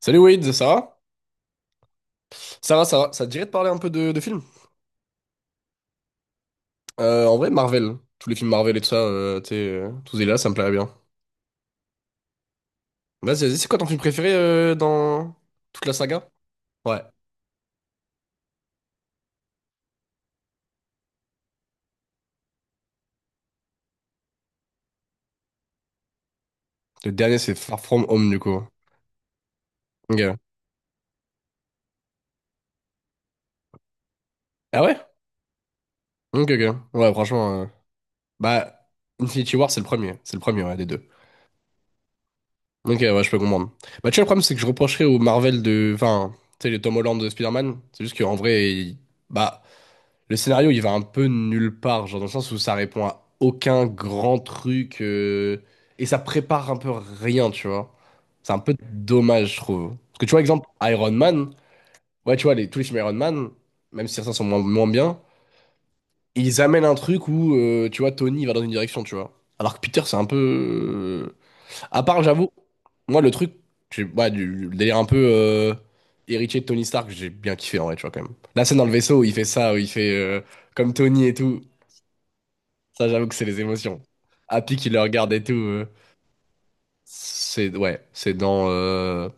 Salut Wade, ça va? Ça va, ça va. Ça te dirait de parler un peu de films? En vrai, Marvel. Tous les films Marvel et tout ça, tu sais, tous et là, ça me plairait bien. Vas-y, vas-y, c'est quoi ton film préféré dans toute la saga? Ouais. Le dernier, c'est Far From Home, du coup. Ok. Ah ouais? Ok, ok. Ouais, franchement. Bah, Infinity War, c'est le premier. C'est le premier, ouais, des deux. Ok, ouais, je peux comprendre. Bah, tu vois, le problème, c'est que je reprocherais au Marvel de. Enfin, tu sais, les Tom Holland de Spider-Man. C'est juste qu'en vrai, bah. Le scénario, il va un peu nulle part, genre dans le sens où ça répond à aucun grand truc, et ça prépare un peu rien, tu vois. C'est un peu dommage, je trouve. Parce que tu vois, exemple, Iron Man, ouais, tu vois, les, tous les films Iron Man, même si certains sont moins, moins bien, ils amènent un truc où, tu vois, Tony va dans une direction, tu vois. Alors que Peter, c'est un peu. À part, j'avoue, moi, le truc, ouais, du délire un peu héritier de Tony Stark, j'ai bien kiffé en vrai, tu vois, quand même. La scène dans le vaisseau où il fait ça, où il fait comme Tony et tout. Ça, j'avoue que c'est les émotions. Happy qui le regarde et tout. C'est ouais, c'est dans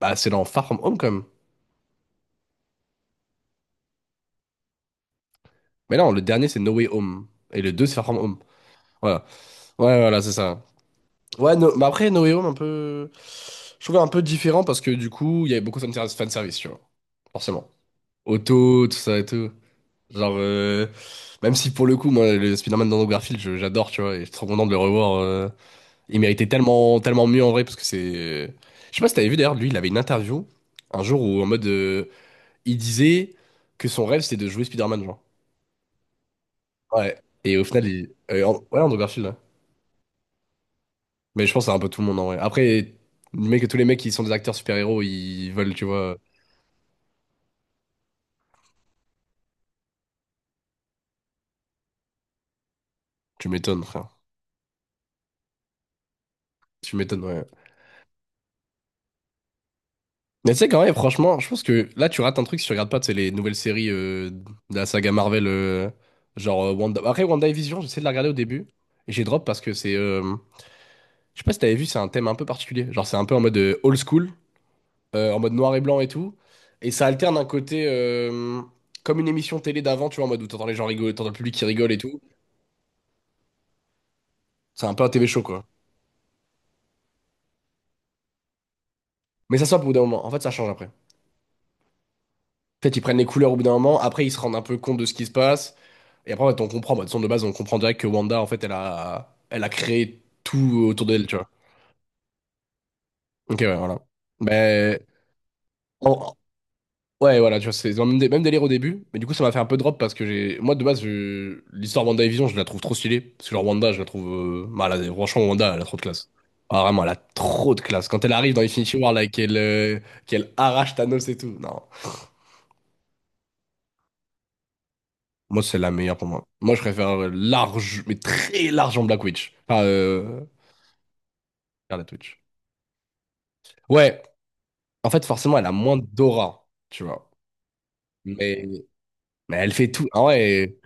bah c'est dans Far From Home quand même. Mais non, le dernier c'est No Way Home et le deux c'est Far From Home. Voilà. Ouais, voilà, c'est ça. Ouais, mais après No Way Home un peu je trouvais un peu différent parce que du coup, il y avait beaucoup de fan service, tu vois. Forcément. Auto, tout ça et tout. Genre même si pour le coup, moi le Spider-Man dans Garfield, j'adore, tu vois, et je suis trop content de le revoir il méritait tellement, tellement mieux en vrai parce que c'est. Je sais pas si t'avais vu d'ailleurs, lui, il avait une interview un jour où en mode il disait que son rêve c'était de jouer Spider-Man, genre. Ouais. Et au final, ouais, Andrew Garfield. Ouais. Mais je pense que c'est un peu tout le monde en vrai. Après, le mec, tous les mecs qui sont des acteurs super-héros, ils veulent, tu vois. Tu m'étonnes, frère. Tu m'étonnes, ouais. Mais tu sais, quand même, franchement, je pense que là, tu rates un truc si tu regardes pas, tu sais, les nouvelles séries de la saga Marvel, genre Wanda. Après, WandaVision, j'essaie de la regarder au début. Et j'ai drop parce que c'est. Je sais pas si t'avais vu, c'est un thème un peu particulier. Genre, c'est un peu en mode old school, en mode noir et blanc et tout. Et ça alterne un côté comme une émission télé d'avant, tu vois, en mode où t'entends les gens rigoler, t'entends le public qui rigole et tout. C'est un peu un TV show, quoi. Mais ça stoppe au bout d'un moment. En fait, ça change après. Peut-être ils prennent les couleurs au bout d'un moment, après ils se rendent un peu compte de ce qui se passe. Et après, en fait, on comprend. Bah, de toute façon, de base, on comprend direct que Wanda, en fait, elle a créé tout autour d'elle, tu vois. Ok, ouais, voilà. Mais. en, Ouais, voilà, tu vois, c'est dans le même, même délire au début, mais du coup, ça m'a fait un peu drop parce que j'ai. Moi, de base, l'histoire WandaVision, je la trouve trop stylée. Parce que genre, Wanda, je la trouve. Bah, franchement, Wanda, elle a trop de classe. Ah, vraiment, elle a trop de classe. Quand elle arrive dans Infinity War, là, et qu'elle arrache Thanos et tout. Non, moi, c'est la meilleure pour moi. Moi, je préfère large, mais très large en Black Witch. Enfin, regarde la Twitch. Ouais, en fait, forcément, elle a moins d'aura, tu vois. Mais... mais elle fait tout. Ah ouais.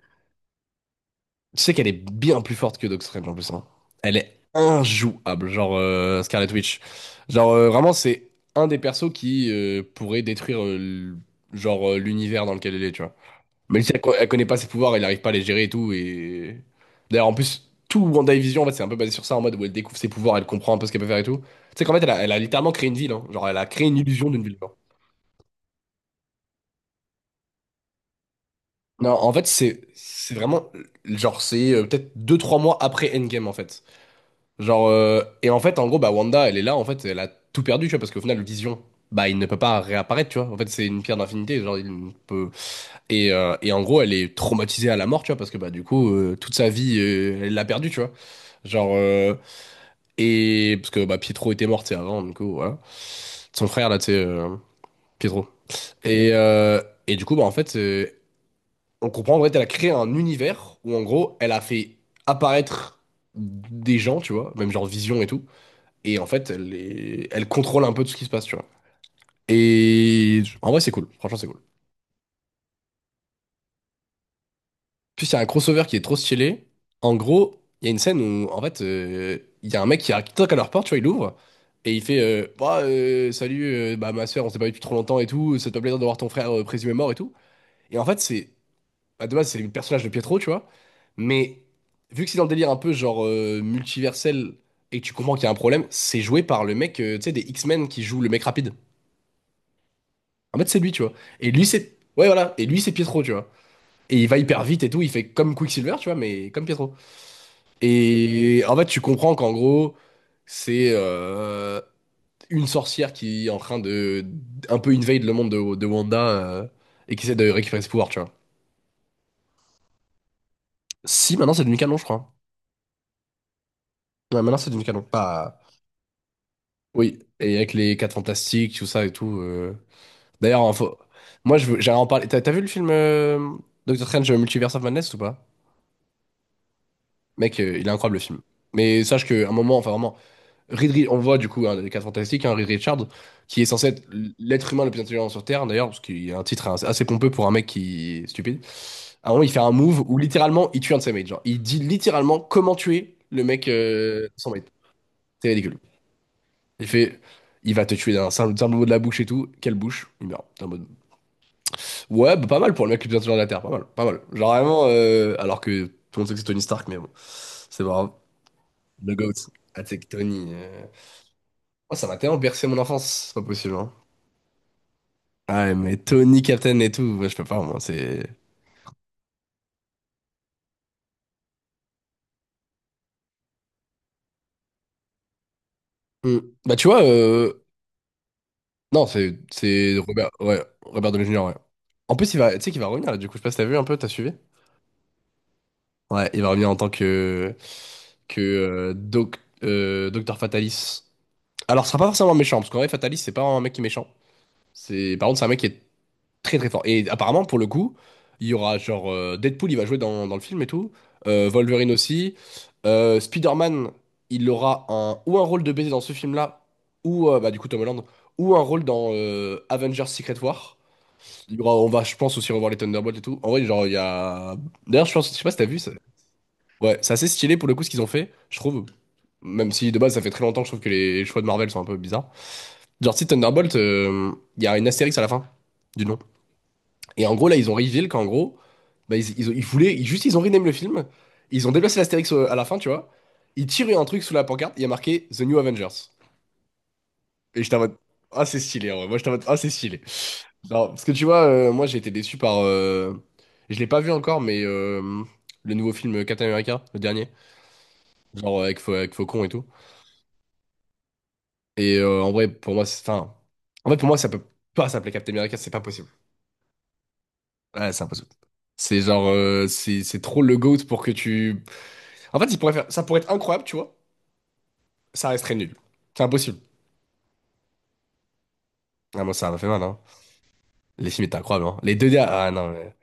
Tu sais qu'elle est bien plus forte que Doctor Strange en plus, hein. Elle est injouable, genre Scarlet Witch. Genre vraiment, c'est un des persos qui pourrait détruire genre l'univers dans lequel elle est, tu vois. Mais si elle connaît pas ses pouvoirs, elle n'arrive pas à les gérer et tout. Et d'ailleurs, en plus, tout WandaVision, en fait, c'est un peu basé sur ça, en mode où elle découvre ses pouvoirs, elle comprend un peu ce qu'elle peut faire et tout. Tu sais qu'en fait, elle a littéralement créé une ville, hein. Genre, elle a créé une illusion d'une ville, genre. Non, en fait, c'est vraiment genre c'est peut-être deux trois mois après Endgame en fait. Genre, et en fait, en gros, bah, Wanda, elle est là, en fait, elle a tout perdu, tu vois, parce qu'au final, Vision, bah, il ne peut pas réapparaître, tu vois. En fait, c'est une pierre d'infinité, genre, il ne peut. Et en gros, elle est traumatisée à la mort, tu vois, parce que, bah, du coup, toute sa vie, elle l'a perdue, tu vois. Genre, et parce que, bah, Pietro était mort, tu sais, avant, du coup, voilà. Son frère, là, tu sais, Pietro. Et, euh, et du coup, bah, en fait, on comprend, en fait, elle a créé un univers où, en gros, elle a fait apparaître des gens, tu vois, même genre Vision et tout. Et en fait, elle contrôle un peu tout ce qui se passe, tu vois. Et en vrai, c'est cool. Franchement, c'est cool. Puis il y a un crossover qui est trop stylé. En gros, il y a une scène où, en fait, il y a un mec qui toque à leur porte, tu vois, il ouvre. Et il fait bah, salut, bah, ma soeur, on s'est pas vu depuis trop longtemps et tout. Ça te fait plaisir de voir ton frère présumé mort et tout. Et en fait, c'est. Bah, de base, c'est le personnage de Pietro, tu vois. Mais vu que c'est dans le délire un peu genre multiversel et que tu comprends qu'il y a un problème, c'est joué par le mec, tu sais, des X-Men qui joue le mec rapide. En fait, c'est lui, tu vois. Et lui, c'est. Ouais, voilà. Et lui, c'est Pietro, tu vois. Et il va hyper vite et tout. Il fait comme Quicksilver, tu vois, mais comme Pietro. Et en fait, tu comprends qu'en gros, c'est une sorcière qui est en train de. Un peu invade le monde de Wanda et qui essaie de récupérer ce pouvoir, tu vois. Si, maintenant, c'est devenu canon, je crois. Ouais, maintenant, c'est devenu canon. Pas. Oui. Et avec les 4 Fantastiques, tout ça et tout. D'ailleurs, moi, je veux... j'allais en parler. T'as vu le film Doctor Strange Multiverse of Madness ou pas? Mec, il est incroyable le film. Mais sache qu'à un moment, enfin vraiment, on le voit du coup, hein, dans les 4 Fantastiques, hein, Reed Richards, qui est censé être l'être humain le plus intelligent sur Terre, d'ailleurs, parce qu'il a un titre assez assez pompeux pour un mec qui est stupide. À un moment, il fait un move où littéralement, il tue un de ses mates. Genre, il dit littéralement comment tuer le mec, son mate. C'est ridicule. Il fait, il va te tuer d'un simple, simple mot de la bouche et tout. Quelle bouche? Il meurt. T'es en mode, ouais, bah, pas mal pour le mec le plus intelligent de la Terre, pas mal, pas mal. Genre vraiment, alors que tout le monde sait que c'est Tony Stark, mais bon, c'est pas grave. Le GOAT. Ah, tu que Tony. Oh, ça m'a tellement bercé mon enfance, c'est pas possible, hein. Ah, ouais, mais Tony, Captain et tout, ouais, je peux pas, moi, c'est. Hmm. Bah, tu vois, non, c'est Robert, ouais, Robert Downey Jr., ouais. En plus, il va, tu sais qu'il va revenir, là, du coup, je sais pas si t'as vu un peu, t'as suivi? Ouais, il va revenir en tant que, Docteur Fatalis. Alors, ce sera pas forcément méchant, parce qu'en vrai, Fatalis, c'est pas un mec qui est méchant. C'est... Par contre, c'est un mec qui est très très fort. Et apparemment, pour le coup, il y aura genre Deadpool, il va jouer dans le film et tout. Wolverine aussi. Spider-Man, il aura un, ou un rôle de baiser dans ce film-là, ou du coup Tom Holland, ou un rôle dans Avengers Secret War. Il y aura, on va, je pense, aussi revoir les Thunderbolts et tout. En vrai, genre, il y a. D'ailleurs, je pense, je sais pas si t'as vu ça. Ouais, c'est assez stylé pour le coup ce qu'ils ont fait, je trouve. Même si de base, ça fait très longtemps, que je trouve que les choix de Marvel sont un peu bizarres. Genre, si Thunderbolt, il y a une astérix à la fin du nom. Et en gros, là, ils ont reveal qu'en gros, bah, ils voulaient, juste, ils ont rename le film. Ils ont déplacé l'Astérix à la fin, tu vois. Ils tiraient un truc sous la pancarte, il y a marqué The New Avengers. Et j'étais en mode, ah, c'est stylé, en vrai. Moi, j'étais en mode, ah, c'est stylé. Non, parce que tu vois, moi, j'ai été déçu par. Je l'ai pas vu encore, mais le nouveau film Captain America, le dernier, genre avec, avec Faucon et tout. Et en vrai, pour moi, c'est. Enfin, en fait, pour moi, ça peut pas s'appeler Captain America, c'est pas possible. Ouais, c'est impossible. C'est genre, c'est trop le GOAT pour que tu. En fait, ils pourraient faire, ça pourrait être incroyable, tu vois. Ça resterait nul. C'est impossible. Ah, moi, ça m'a fait mal, hein. Les films étaient incroyables, hein. Les deux derniers. Ah, non, mais.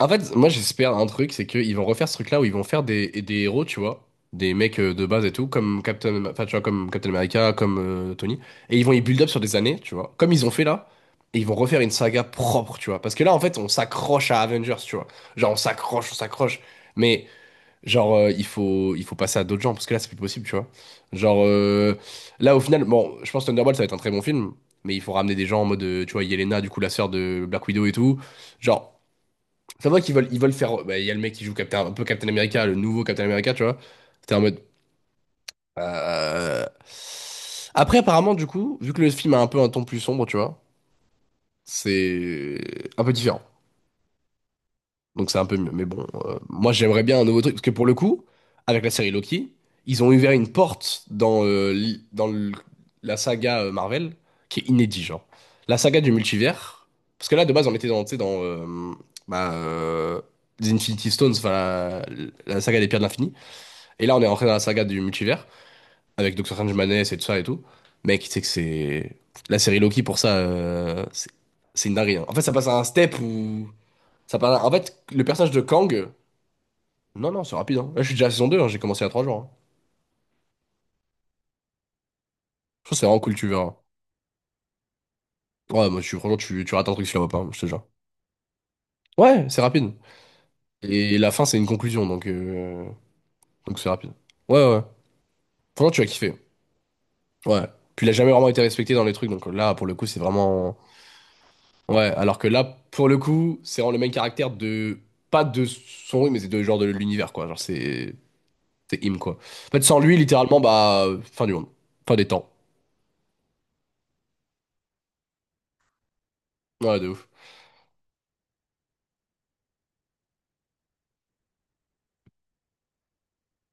En fait, moi, j'espère un truc, c'est qu'ils vont refaire ce truc-là où ils vont faire des héros, tu vois. Des mecs de base et tout, comme Captain, enfin, tu vois, comme Captain America, comme Tony. Et ils vont y build up sur des années, tu vois. Comme ils ont fait là. Et ils vont refaire une saga propre, tu vois. Parce que là, en fait, on s'accroche à Avengers, tu vois. Genre, on s'accroche, on s'accroche. Mais genre, il faut passer à d'autres gens, parce que là, c'est plus possible, tu vois. Genre, là, au final, bon, je pense que Thunderbolt, ça va être un très bon film, mais il faut ramener des gens en mode, tu vois, Yelena, du coup, la sœur de Black Widow et tout. Genre, ça voit qu'ils veulent, ils veulent faire. Bah, il y a le mec qui joue Captain, un peu Captain America, le nouveau Captain America, tu vois. C'était en mode. euh, Après, apparemment, du coup, vu que le film a un peu un ton plus sombre, tu vois, c'est un peu différent. Donc c'est un peu mieux. Mais bon, moi j'aimerais bien un nouveau truc. Parce que pour le coup, avec la série Loki, ils ont ouvert une porte dans, dans la saga Marvel qui est inédite, genre. La saga du multivers. Parce que là, de base, on était dans, tu sais, dans bah, euh, les Infinity Stones, enfin la saga des pierres de l'infini. Et là, on est rentré dans la saga du multivers avec Doctor Strange Madness et tout ça et tout. Mec, tu sais que c'est. La série Loki, pour ça, c'est une dinguerie, hein. En fait, ça passe à un step où. Ça passe à. En fait, le personnage de Kang. Non, non, c'est rapide, hein. Là, je suis déjà à la saison deux, hein, j'ai commencé il y a 3 jours, hein. Je trouve que c'est vraiment cool, tu verras. Ouais, moi, tu, franchement, tu rates un truc si tu la vois pas, hein, je te jure. Ouais, c'est rapide. Et la fin, c'est une conclusion, donc c'est rapide. Ouais, ouais. Franchement, tu vas kiffer. Ouais. Puis il a jamais vraiment été respecté dans les trucs, donc là, pour le coup, c'est vraiment. Ouais, alors que là, pour le coup, c'est vraiment le même caractère de. Pas de son lui, mais c'est de genre de l'univers, quoi. Genre, c'est. C'est him, quoi. En fait, sans lui, littéralement, bah. Fin du monde. Fin des temps. Ouais, de ouf.